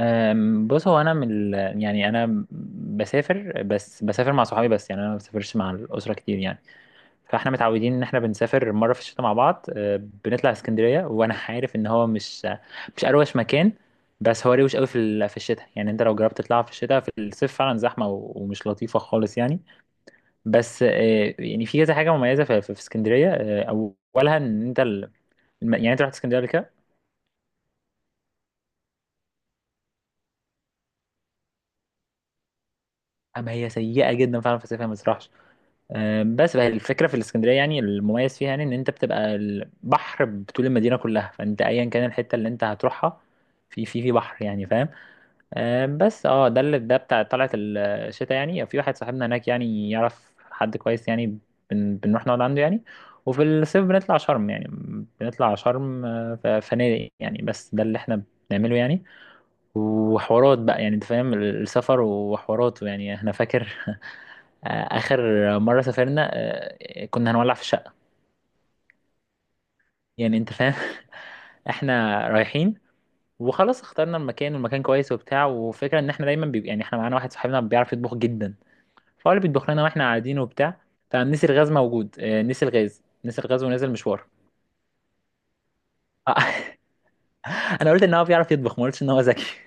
بص، هو انا يعني انا بسافر، بسافر مع صحابي. بس يعني انا ما بسافرش مع الاسره كتير يعني. فاحنا متعودين ان احنا بنسافر مره في الشتاء مع بعض. بنطلع اسكندريه، وانا عارف ان هو مش اروش مكان، بس هو روش قوي في الشتاء. يعني انت لو جربت تطلع في الشتاء، في الصيف فعلا زحمه و... ومش لطيفه خالص يعني. بس يعني في كذا حاجه مميزه في اسكندريه. اولها ان انت يعني انت رحت اسكندريه قبل كده؟ اما هي سيئه جدا فعلا في الصيف، هي ما تروحش. بس بقى الفكره في الاسكندريه، يعني المميز فيها يعني ان انت بتبقى البحر بطول المدينه كلها. فانت ايا كان الحته اللي انت هتروحها في بحر يعني، فاهم؟ بس اه ده اللي ده بتاع طلعت الشتاء. يعني في واحد صاحبنا هناك يعني يعرف حد كويس يعني، بنروح نقعد عنده يعني. وفي الصيف بنطلع شرم يعني، بنطلع شرم. فنادق يعني، بس ده اللي احنا بنعمله يعني. وحوارات بقى، يعني انت فاهم، السفر وحوارات يعني. انا فاكر اخر مره سافرنا، كنا هنولع في الشقه، يعني انت فاهم. احنا رايحين وخلاص اخترنا المكان، والمكان كويس وبتاع. وفكره ان احنا دايما بيبقى، يعني احنا معانا واحد صاحبنا بيعرف يطبخ جدا، فهو اللي بيطبخ لنا واحنا قاعدين وبتاع. فنسي الغاز موجود، نسي الغاز ونزل مشوار. انا قلت ان هو بيعرف يطبخ، ما قلتش ان هو ذكي.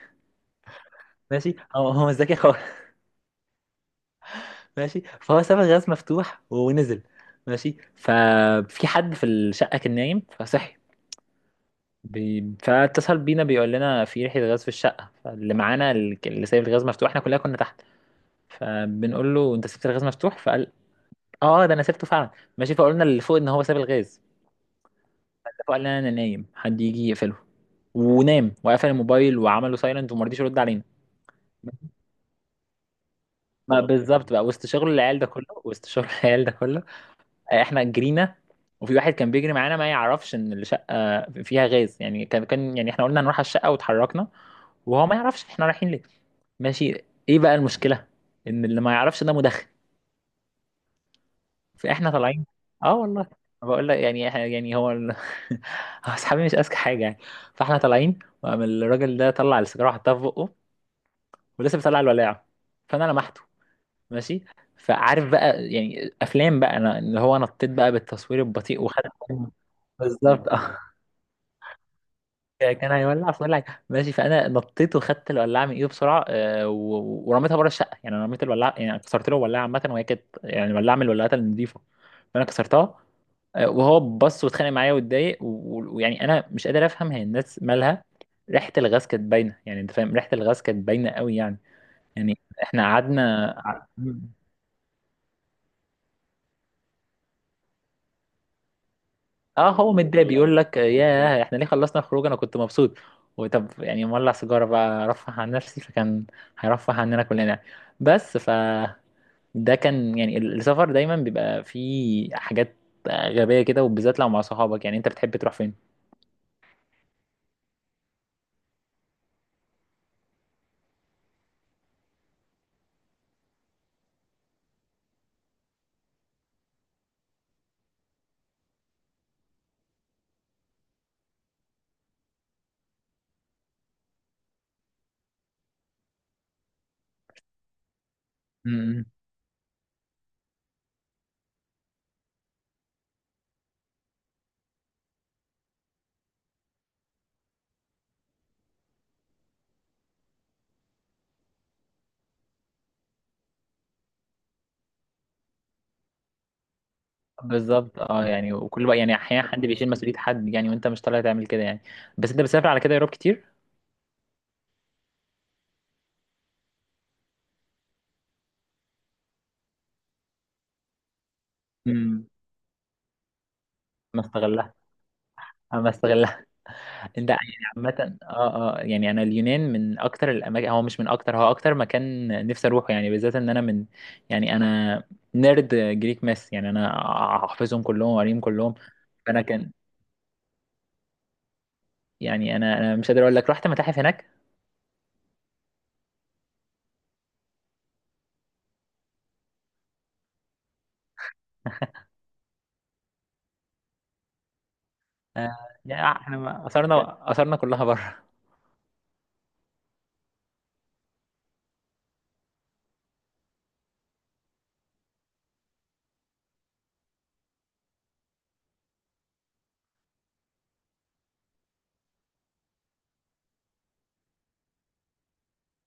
ماشي، هو مش ذكي. ماشي، فهو ساب الغاز مفتوح ونزل. ماشي، ففي حد في الشقة كان نايم فصحي، فاتصل بينا بيقول لنا في ريحة غاز في الشقة. فاللي معانا اللي سايب الغاز مفتوح، احنا كلنا كنا تحت. فبنقول له انت سبت الغاز مفتوح، فقال اه ده انا سبته فعلا. ماشي، فقلنا اللي فوق ان هو ساب الغاز. اللي فوق قال لنا انا نايم، حد يجي يقفله. ونام وقفل الموبايل وعمله سايلنت وما رضيش يرد علينا. ما بالظبط بقى، وسط شغل العيال ده كله، وسط شغل العيال ده كله احنا جرينا. وفي واحد كان بيجري معانا ما يعرفش ان الشقه فيها غاز يعني، كان يعني احنا قلنا هنروح على الشقه واتحركنا، وهو ما يعرفش احنا رايحين ليه. ماشي. ايه بقى المشكله؟ ان اللي ما يعرفش ده مدخن. فاحنا طالعين. اه والله. أنا بقول لك يعني هو اصحابي مش اذكى حاجه يعني. فاحنا طالعين، وقام الراجل ده طلع السيجاره وحطها في بقه ولسه بيطلع الولاعه. فانا لمحته. ماشي. فعارف بقى، يعني افلام بقى، انا اللي هو نطيت بقى بالتصوير البطيء وخدت. بالظبط اه. كان هيولع في ولع. ماشي، فانا نطيت وخدت الولاعه من ايده بسرعه. و- ورميتها بره الشقه. يعني انا رميت الولاعه، يعني كسرت له الولاعه عامه، وهي كانت يعني ولاعه من الولاعات النظيفه، فانا كسرتها. وهو بص واتخانق معايا واتضايق، و- ويعني انا مش قادر افهم هي الناس مالها. ريحه الغاز كانت باينه، يعني انت فاهم، ريحه الغاز كانت باينه قوي يعني. يعني احنا قعدنا. اه هو متضايق بيقول لك ياه احنا ليه خلصنا الخروج، انا كنت مبسوط. وطب يعني مولع سيجاره بقى رفه عن نفسي، فكان هيرفه عننا كلنا. بس ف ده كان يعني السفر دايما بيبقى فيه حاجات غبية كده، وبالذات لو مع صحابك. يعني انت بتحب تروح فين؟ امم بالظبط اه. يعني وكل بقى يعني احيانا حد بيشيل مسؤولية حد يعني، وانت مش طالع تعمل كده يعني. بس انت بتسافر على كده يا روب كتير؟ امم ما استغلها، ما استغلها. ده يعني عامة اه اه. يعني انا اليونان من اكتر الاماكن، هو مش من اكتر، هو اكتر مكان نفسي اروحه يعني، بالذات ان انا من يعني انا نيرد جريك ماس يعني، انا حافظهم كلهم وقاريهم كلهم. فانا كان يعني انا مش قادر اقول لك رحت متاحف هناك. آه، يعني احنا اثرنا اثرنا كلها بره.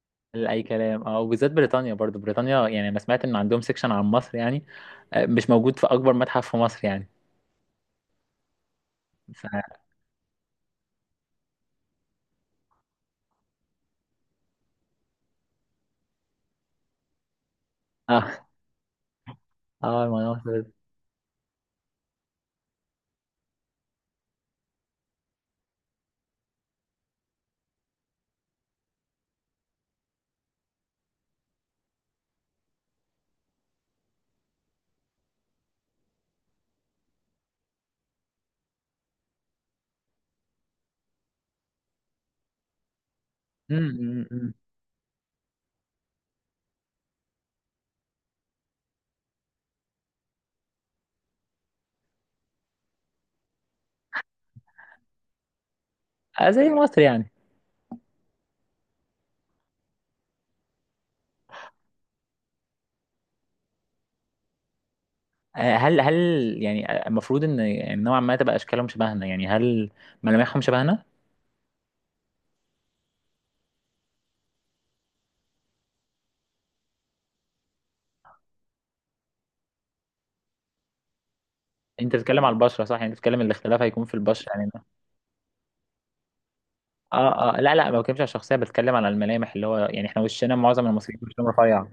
لاي كلام اه. وبالذات بريطانيا، برضو بريطانيا يعني انا سمعت ان عندهم سيكشن عن مصر يعني، مش موجود في اكبر متحف في مصر يعني. ف اه اه المناظر. أمم، أمم، أمم. زي مصر يعني. هل يعني، المفروض ان يعني نوعا ما تبقى اشكالهم شبهنا يعني، هل ملامحهم شبهنا؟ انت بتتكلم على البشره صح؟ يعني بتتكلم الاختلاف هيكون في البشره يعني. اه اه، لا لا، ما بتكلمش على الشخصيه، بتكلم على الملامح، اللي هو يعني احنا وشنا، معظم المصريين وشنا رفيع.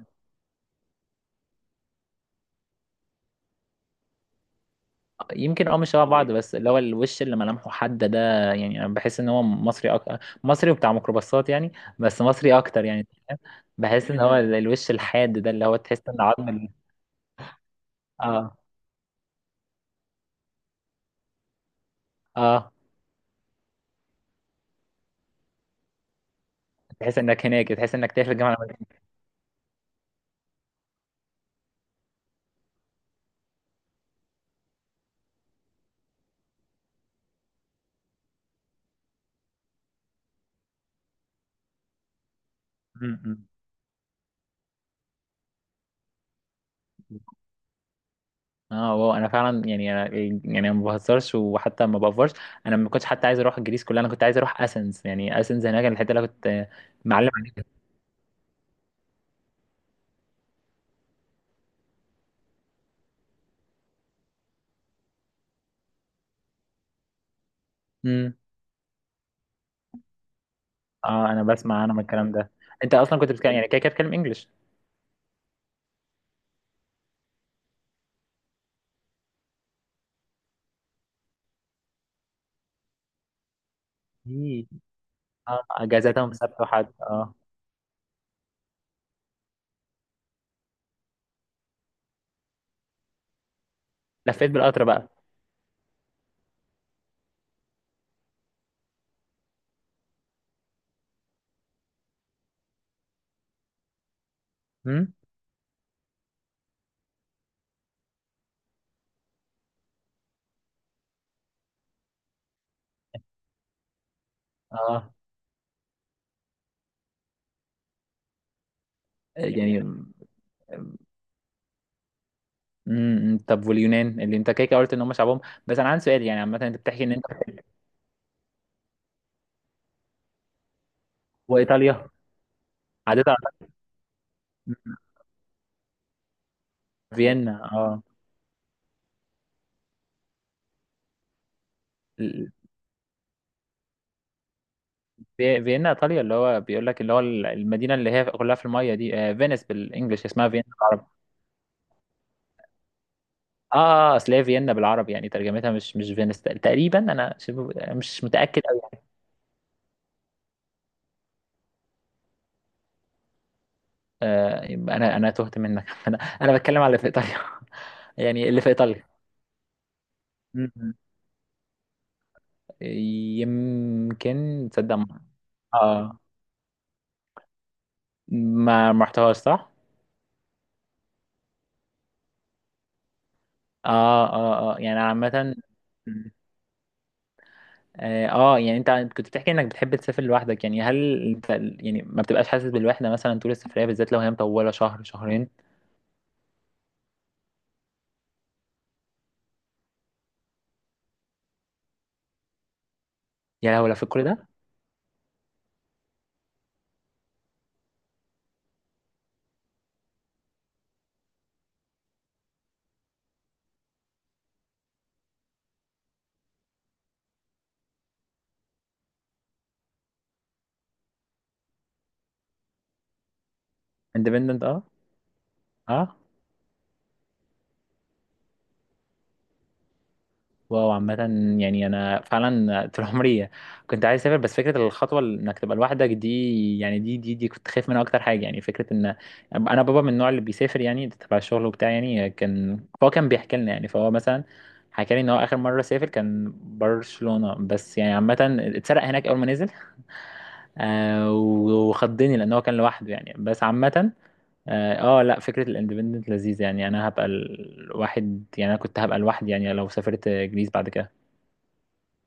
يمكن اه، مش شبه بعض بس اللي هو الوش اللي ملامحه حاده ده، يعني انا بحس ان هو مصري مصري وبتاع ميكروباصات يعني، بس مصري اكتر يعني. بحس ان هو الوش الحاد ده، اللي هو تحس ان عظم اه اه تحس انك هناك، تحس انك تحت الجامعه الأمريكية. م- م. اه واو، انا فعلا يعني أنا يعني أنا ما بهزرش وحتى ما بافرش. انا ما كنتش حتى عايز اروح الجريس كلها، انا كنت عايز اروح اسنس يعني، اسنس هناك الحته اللي أنا كنت معلم عنها. امم اه انا بسمع، انا من الكلام ده انت اصلا كنت بتتكلم يعني كده كده بتتكلم انجلش. مم. اه اجازات يوم سبت وحد اه. لفيت بالقطر بقى. امم اه يعني طب واليونان اللي انت كده كده قلت ان هم شعبهم، بس انا عندي سؤال يعني عامه انت بتحكي ان انت. وايطاليا؟ عديت على مم. فيينا اه. فيينا ايطاليا، اللي هو بيقول لك اللي هو المدينه اللي هي كلها في الميه دي، فينيس بالانجلش، اسمها فيينا بالعربي. اه اصل هي فيينا بالعربي، يعني ترجمتها مش فينيس تقريبا، انا مش متاكد قوي. آه يبقى انا تهت منك. انا بتكلم على اللي في ايطاليا. يعني اللي في ايطاليا. م- يمكن تصدق اه ما رحتهاش صح؟ اه اه اه يعني عامه. اه يعني انت كنت بتحكي انك بتحب تسافر لوحدك، يعني هل انت يعني ما بتبقاش حاسس بالوحده مثلا طول السفريه، بالذات لو هي مطوله شهر شهرين؟ يا لهوي لو في كل ده. اندبندنت اه. اه واو عامه. يعني انا فعلا طول عمري كنت عايز اسافر، بس فكره الخطوه اللي انك تبقى لوحدك دي يعني دي كنت خايف منها اكتر حاجه. يعني فكره ان انا بابا من النوع اللي بيسافر يعني تبع الشغل وبتاع يعني، كان فهو كان بيحكي لنا يعني. فهو مثلا حكى لي ان هو اخر مره سافر كان برشلونه، بس يعني عامه اتسرق هناك اول ما نزل، آه وخضني لان هو كان لوحده يعني. بس عامه اه، لا فكره الاندبندنت لذيذه يعني، انا هبقى الواحد يعني انا كنت هبقى لوحدي يعني لو سافرت جريس بعد كده